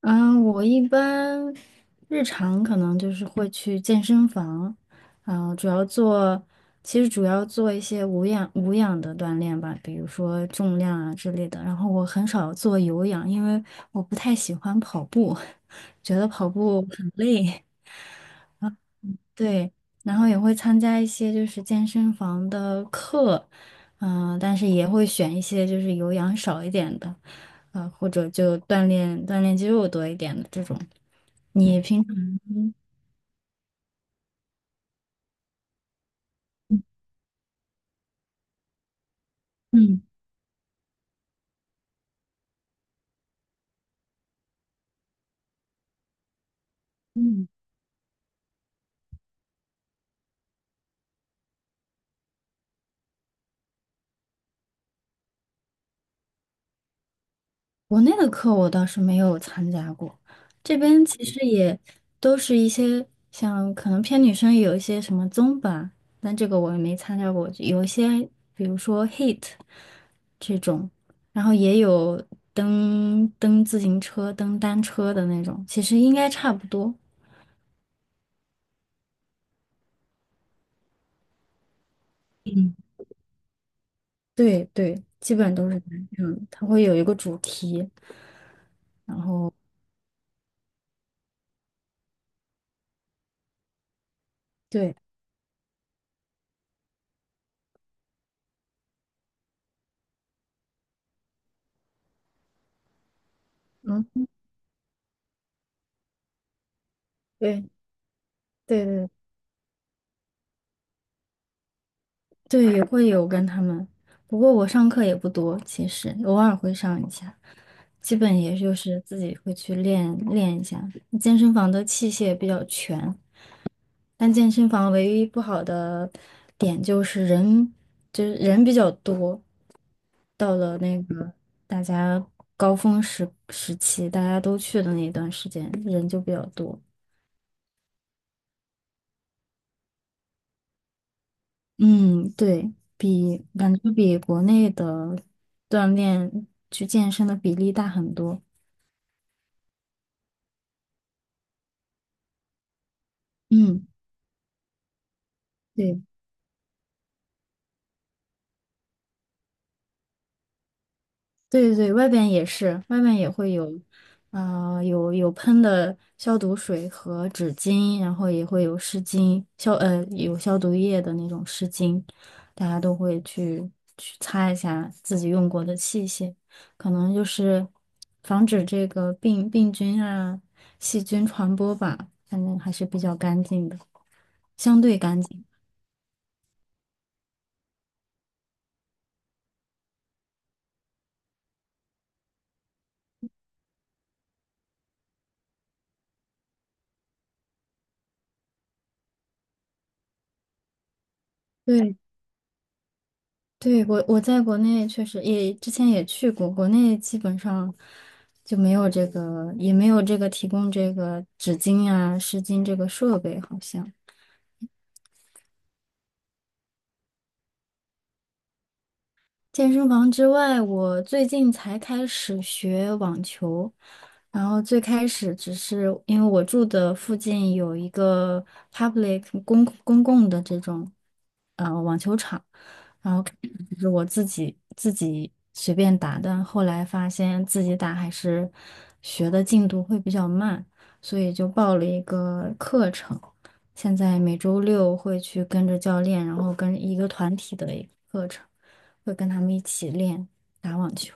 嗯，我一般日常可能就是会去健身房。嗯，主要做，其实主要做一些无氧的锻炼吧，比如说重量啊之类的。然后我很少做有氧，因为我不太喜欢跑步，觉得跑步很累。对，然后也会参加一些就是健身房的课，但是也会选一些就是有氧少一点的，或者就锻炼锻炼肌肉多一点的这种。你平。嗯嗯，国内的课我倒是没有参加过。这边其实也都是一些像可能偏女生也有一些什么综吧，但这个我也没参加过，有一些比如说 HIIT 这种，然后也有蹬自行车、蹬单车的那种，其实应该差不多。嗯，对对，基本都是这样，它会有一个主题。对，嗯，对对对对，也会有跟他们，不过我上课也不多，其实偶尔会上一下，基本也就是自己会去练练一下。健身房的器械比较全，但健身房唯一不好的点就是人，就是人比较多。到了那个大家高峰时期，大家都去的那一段时间，人就比较多。嗯，对，比感觉比国内的锻炼去健身的比例大很多。嗯，对对对，外边也是，外面也会有，有喷的消毒水和纸巾，然后也会有湿巾，有消毒液的那种湿巾，大家都会去擦一下自己用过的器械，可能就是防止这个病菌啊、细菌传播吧，反正还是比较干净的，相对干净。对。对，我在国内确实也之前也去过，国内基本上就没有这个，也没有这个提供这个纸巾啊、湿巾这个设备，好像。健身房之外，我最近才开始学网球，然后最开始只是因为我住的附近有一个 public 公共的这种网球场，然后开始就是我自己随便打，但后来发现自己打还是学的进度会比较慢，所以就报了一个课程，现在每周六会去跟着教练，然后跟一个团体的一个课程。会跟他们一起练打网球。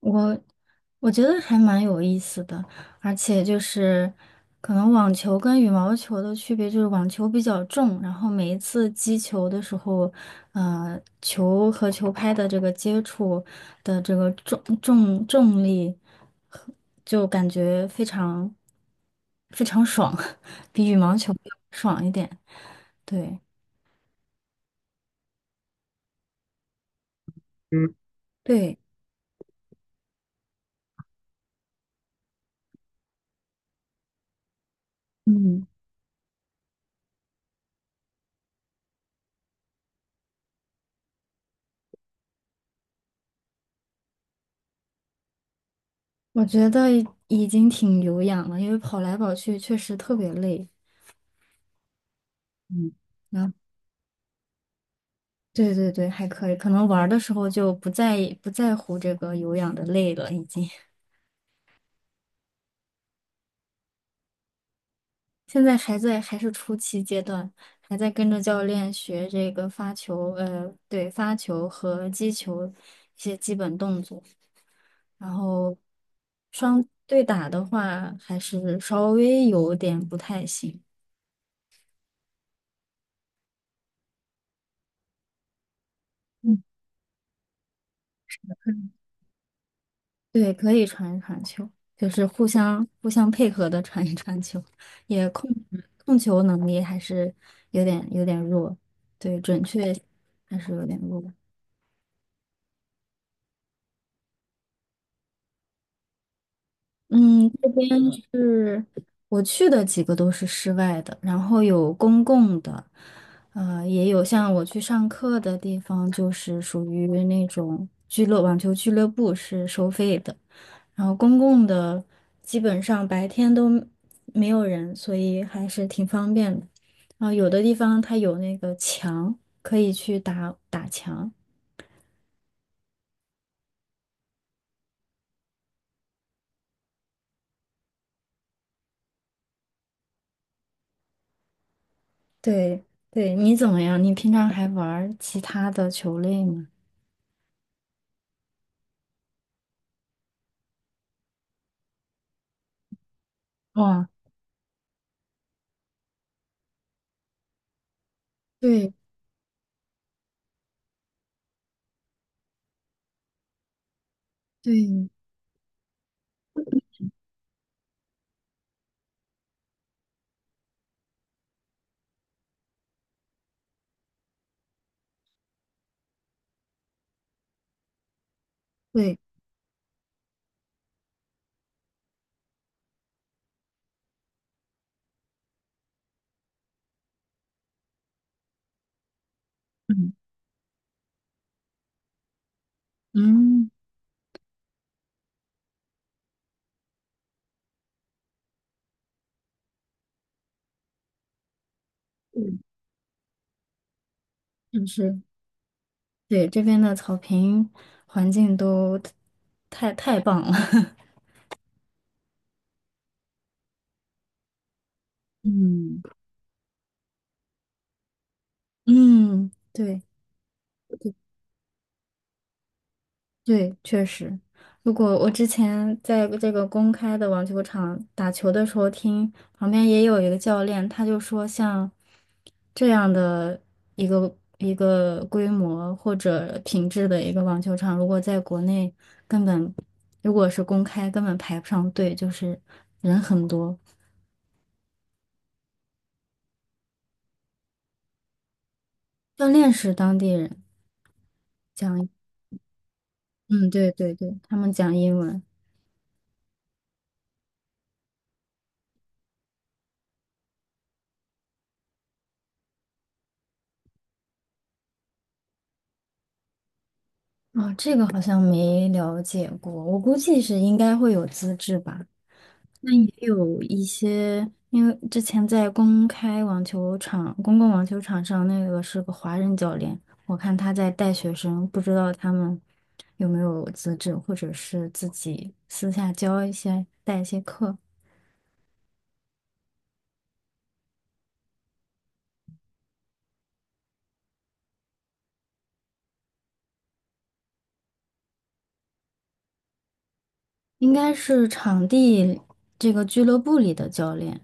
我我觉得还蛮有意思的，而且就是可能网球跟羽毛球的区别就是网球比较重，然后每一次击球的时候，球和球拍的这个接触的这个重力和就感觉非常非常爽，比羽毛球要爽一点。对对，嗯。我觉得已经挺有氧了，因为跑来跑去确实特别累。嗯，然后，对对对，还可以，可能玩儿的时候就不在意不在乎这个有氧的累了，已经。现在还是初期阶段，还在跟着教练学这个发球，对，发球和击球一些基本动作。然后对打的话，还是稍微有点不太行。对，可以传一传球，就是互相配合的传一传球，也控球能力还是有点弱，对，准确还是有点弱。嗯，这边是我去的几个都是室外的，然后有公共的，也有像我去上课的地方，就是属于那种网球俱乐部是收费的，然后公共的基本上白天都没有人，所以还是挺方便的。然后有的地方它有那个墙，可以去打打墙。对对，你怎么样？你平常还玩儿其他的球类吗？哇。对对对，嗯嗯嗯，就是对这边的草坪环境都太棒了。嗯，嗯，对，对，确实，如果我之前在这个公开的网球场打球的时候听，旁边也有一个教练，他就说，像这样的一个一个规模或者品质的一个网球场，如果在国内根本，如果是公开，根本排不上队，就是人很多。教练是当地人，讲，嗯，对对对，他们讲英文。啊，这个好像没了解过，我估计是应该会有资质吧。那也有一些，因为之前在公开网球场、公共网球场上，那个是个华人教练，我看他在带学生，不知道他们有没有资质，或者是自己私下教一些、带一些课，应该是场地这个俱乐部里的教练。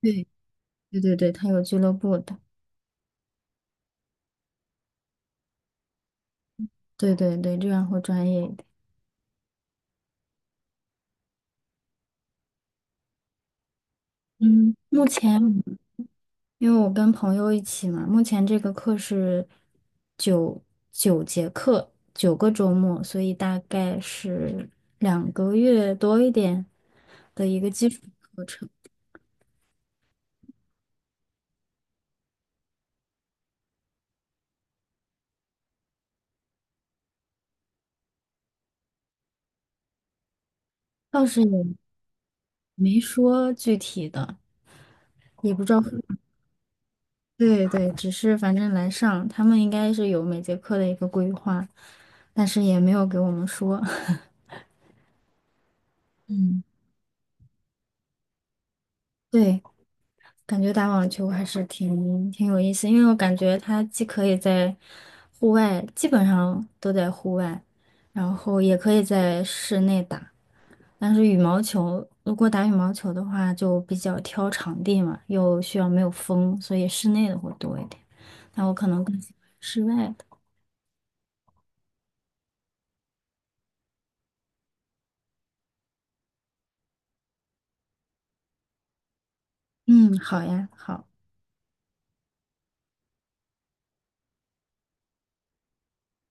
对，对对对，他有俱乐部的，对对对，这样会专业一点。嗯，目前因为我跟朋友一起嘛，目前这个课是九九节课，9个周末，所以大概是2个月多一点的一个基础课程，倒是也没说具体的，也不知道对对，只是反正来上，他们应该是有每节课的一个规划，但是也没有给我们说。嗯，对，感觉打网球还是挺有意思，因为我感觉它既可以在户外，基本上都在户外，然后也可以在室内打。但是羽毛球，如果打羽毛球的话，就比较挑场地嘛，又需要没有风，所以室内的会多一点。那我可能更喜欢室外的。嗯，好呀，好。